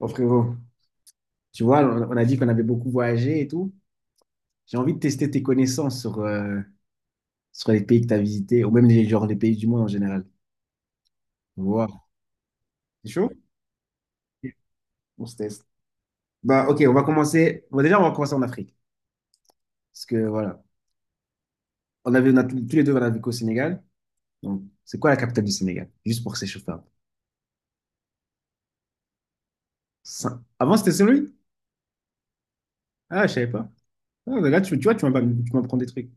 Bon, frérot, tu vois, on a dit qu'on avait beaucoup voyagé et tout. J'ai envie de tester tes connaissances sur, sur les pays que tu as visités, ou même les, genre, les pays du monde en général. Wow. C'est chaud? Ok. On se teste. Bah, ok, on va commencer. Bon, déjà, on va commencer en Afrique. Parce que voilà, on avait, on a tous les deux, on a vécu au Sénégal. Donc, c'est quoi la capitale du Sénégal? Juste pour s'échauffer un peu. Avant, c'était celui? Ah, je savais pas. Ah, là, tu vois, tu m'as pas- tu m'apprends des trucs.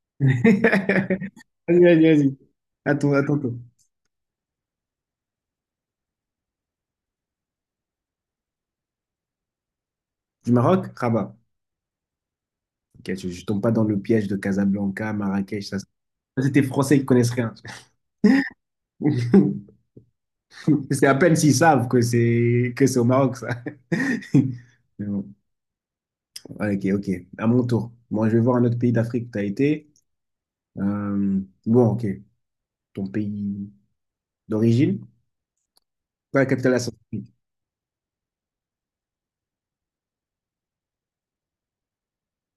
Vas-y, vas-y, vas-y. Attends, attends. Attends. Du Maroc, Rabat. Ok, je tombe pas dans le piège de Casablanca, Marrakech, ça. C'est des Français qui connaissent rien. C'est à peine s'ils savent que c'est au Maroc, ça. Mais bon, ok, ok. À mon tour. Moi, je vais voir un autre pays d'Afrique où tu as été. Euh, bon, ok. Ton pays d'origine, pas la capitale de la Centrafrique.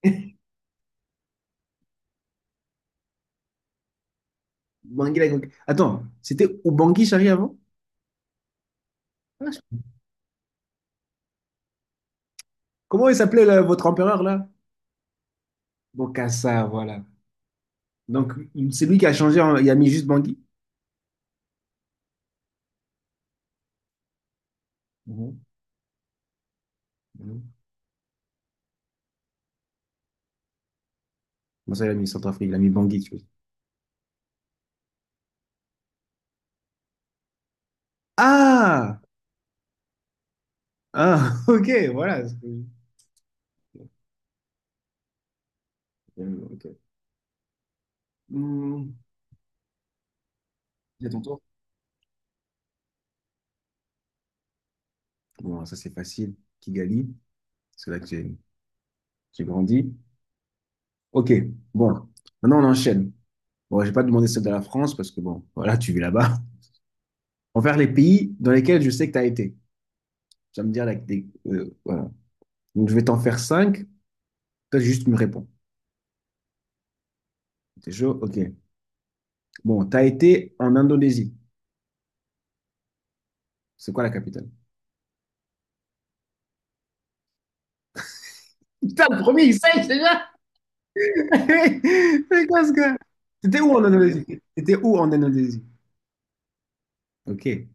Attends, c'était Ubangui Chari avant? Ah, je- Comment il s'appelait là, votre empereur là? Bokassa, voilà. Donc, c'est lui qui a changé, il a mis juste Bangui? Mhm. Mhm. Comment ça, il a mis Centrafrique? Il a mis Bangui, tu vois. Ah! Ah, ok, voilà. C'est- Ok. Hmm. C'est ton tour. Bon, ça, c'est facile. Kigali, c'est là que j'ai grandi. Ok, bon. Maintenant, on enchaîne. Bon, j'ai pas demandé celle de la France parce que, bon, voilà, tu vis là-bas. On va faire les pays dans lesquels je sais que tu as été. Tu vas me dire, là, voilà. Donc, je vais t'en faire cinq. Toi, juste tu me réponds. T'es chaud? Ok. Bon, tu as été en Indonésie. C'est quoi la capitale? Putain, le premier, C'est quoi ce gars? C'était où en Indonésie? C'était où en Indonésie? Ok.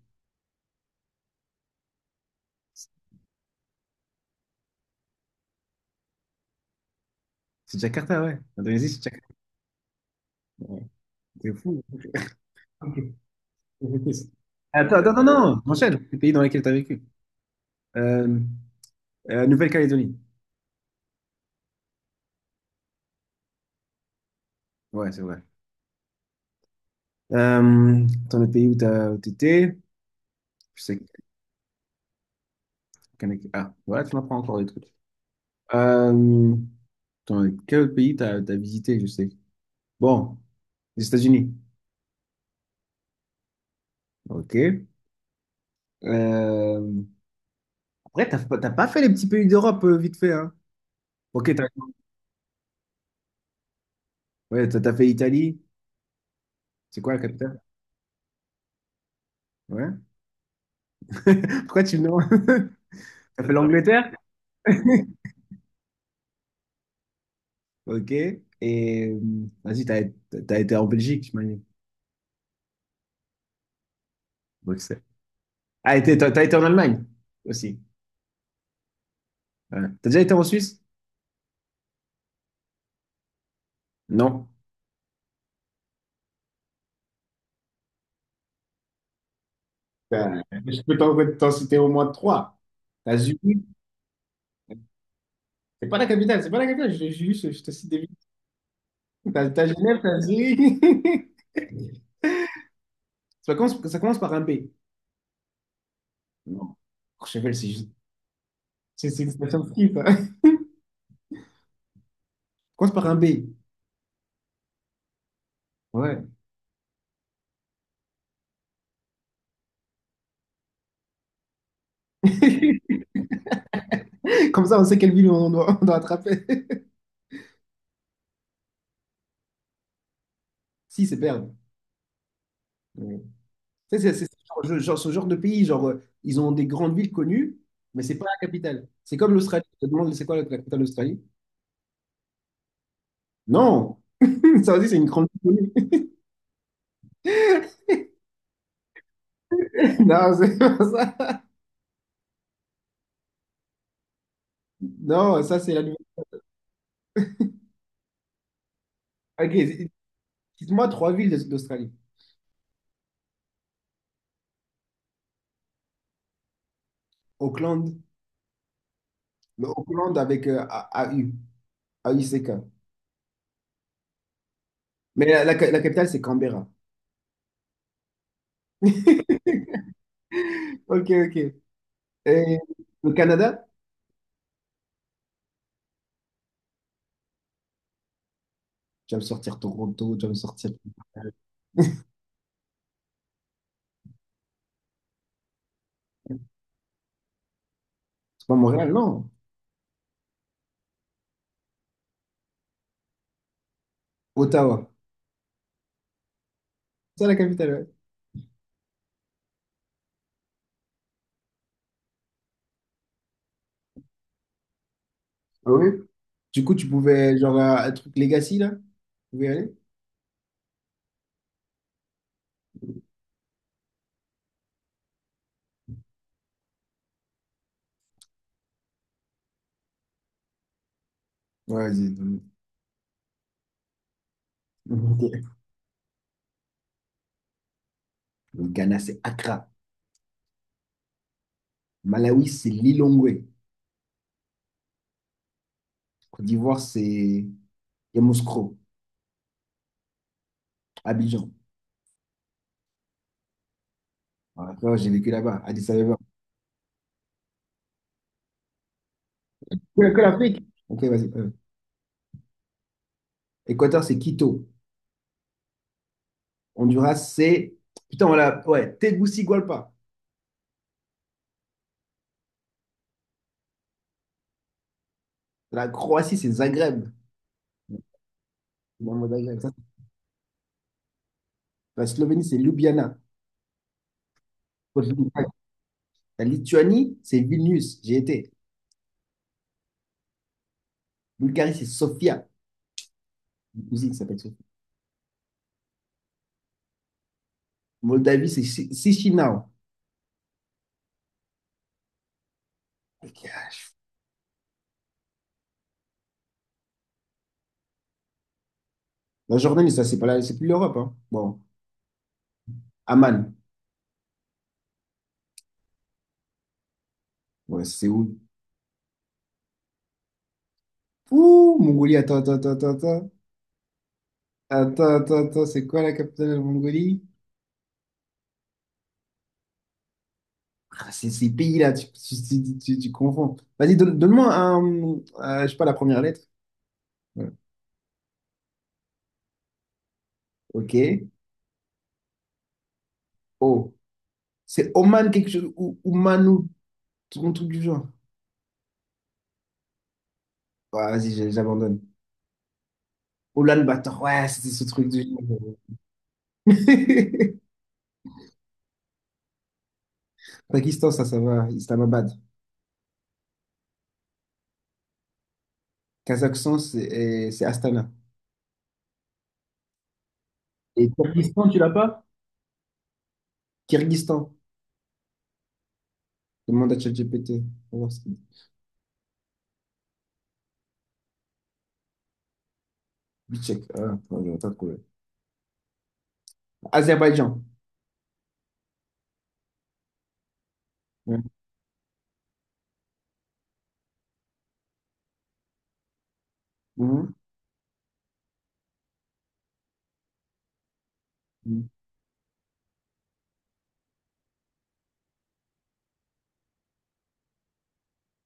C'est Jakarta, ouais. Indonésie, c'est Jakarta. Ouais. C'est fou. Ok. Ok. Attends, attends, non, non, enchaîne. Les pays dans lesquels tu as vécu. Euh, Nouvelle-Calédonie. Ouais, c'est vrai. Dans le pays où tu étais, je sais qu'il... Ah, voilà, tu m'apprends encore des trucs. Euh, dans quel pays t'as visité, je sais. Bon, les États-Unis. Ok. Euh, ouais, t'as pas fait les petits pays d'Europe vite fait, hein. Ok, t'as ouais, t'as fait l'Italie. C'est quoi la capitale? Ouais. Pourquoi tu me demandes? T'as fait l'Angleterre? Ok. Et vas-y, t'as été en Belgique, je m'imagine. Bruxelles. Ah, et t'as été en Allemagne aussi. Ouais. T'as déjà été en Suisse? Non. Ben, je peux t'en citer au moins trois. T'as Zurich, c'est pas la capitale, c'est pas la capitale, juste, je te cite des villes. T'as Genève, t'as Zurich. Ça commence par un B. Non. Courchevel, c'est juste. C'est expression skip. Commence par un B. Ouais. Comme ça, on sait quelle ville on doit attraper. Si, c'est Berne. Ouais. Tu sais, c'est ce genre, ce genre de pays, ils ont des grandes villes connues, mais c'est pas la capitale. C'est comme l'Australie. Je te demande, c'est quoi la capitale de l'Australie? Non! Ça aussi, c'est une grande ville connue. Non, c'est pas ça. Non, ça, c'est la nuit. Ok, dites-moi trois villes d'Australie. Auckland, le Auckland avec AU, AUCK. Mais la, la capitale, c'est Canberra. Ok, ok. Et le Canada? Tu vas me sortir Toronto, tu vas me sortir. C'est pas Montréal, non. Ottawa. C'est ça la capitale, ouais. Ah oui? Du coup, tu pouvais, genre, un truc Legacy, là? Tu pouvais y aller? Ouais, vas-y. Donne- Ok. Le Ghana, c'est Accra. Malawi, c'est Lilongwe. Côte d'Ivoire, c'est Yamoussoukro. Abidjan. Après, j'ai vécu là-bas, Addis Abeba. Que l'Afrique? Ok, vas-y. Euh. Équateur, c'est Quito. Honduras, c'est. Putain, voilà. Ouais, Tegucigalpa. La Croatie, c'est Zagreb. Dans le mot Zagreb. La Slovénie, c'est Ljubljana. La Lituanie, c'est Vilnius. J'ai été. Bulgarie, c'est Sofia. Une cousine qui s'appelle Sofia. Moldavie, c'est Chisinau. La Jordanie, ça, c'est pas la- c'est plus l'Europe. Hein. Bon, Amman. Ouais, c'est où? Ouh, Mongolie, attends, attends, attends, attends, attends. Attends, attends, attends, c'est quoi la capitale de la Mongolie? Ah, c'est ces pays-là, tu confonds. Vas-y, donne moi un, je sais pas, la première lettre. Ouais. Ok. O. C'est Oman, quelque chose, ou Oman, ou un truc du genre. Ah, vas-y, j'abandonne. Oulan-Bator, ouais, c'était ce truc de... Pakistan, ça va. Islamabad. Kazakhstan, c'est Astana. Et Kyrgyzstan, tu l'as pas? Kyrgyzstan. Demande à ChatGPT. On va voir ce qu'il dit. Je check. Ah, non, non, pas de problème. Azerbaïdjan. Ouais. Mhm. Mhm.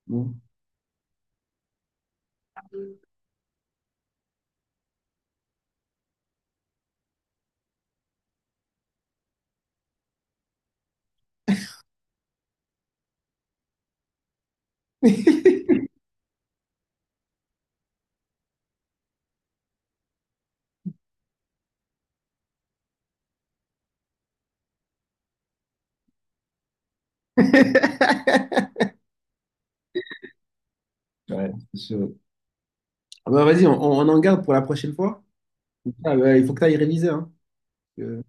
Mhm. Ouais, c'est sûr. Ah bah, vas-y, on en garde pour la prochaine fois. Ah, bah, il faut que tu ailles réviser. Hein. Euh,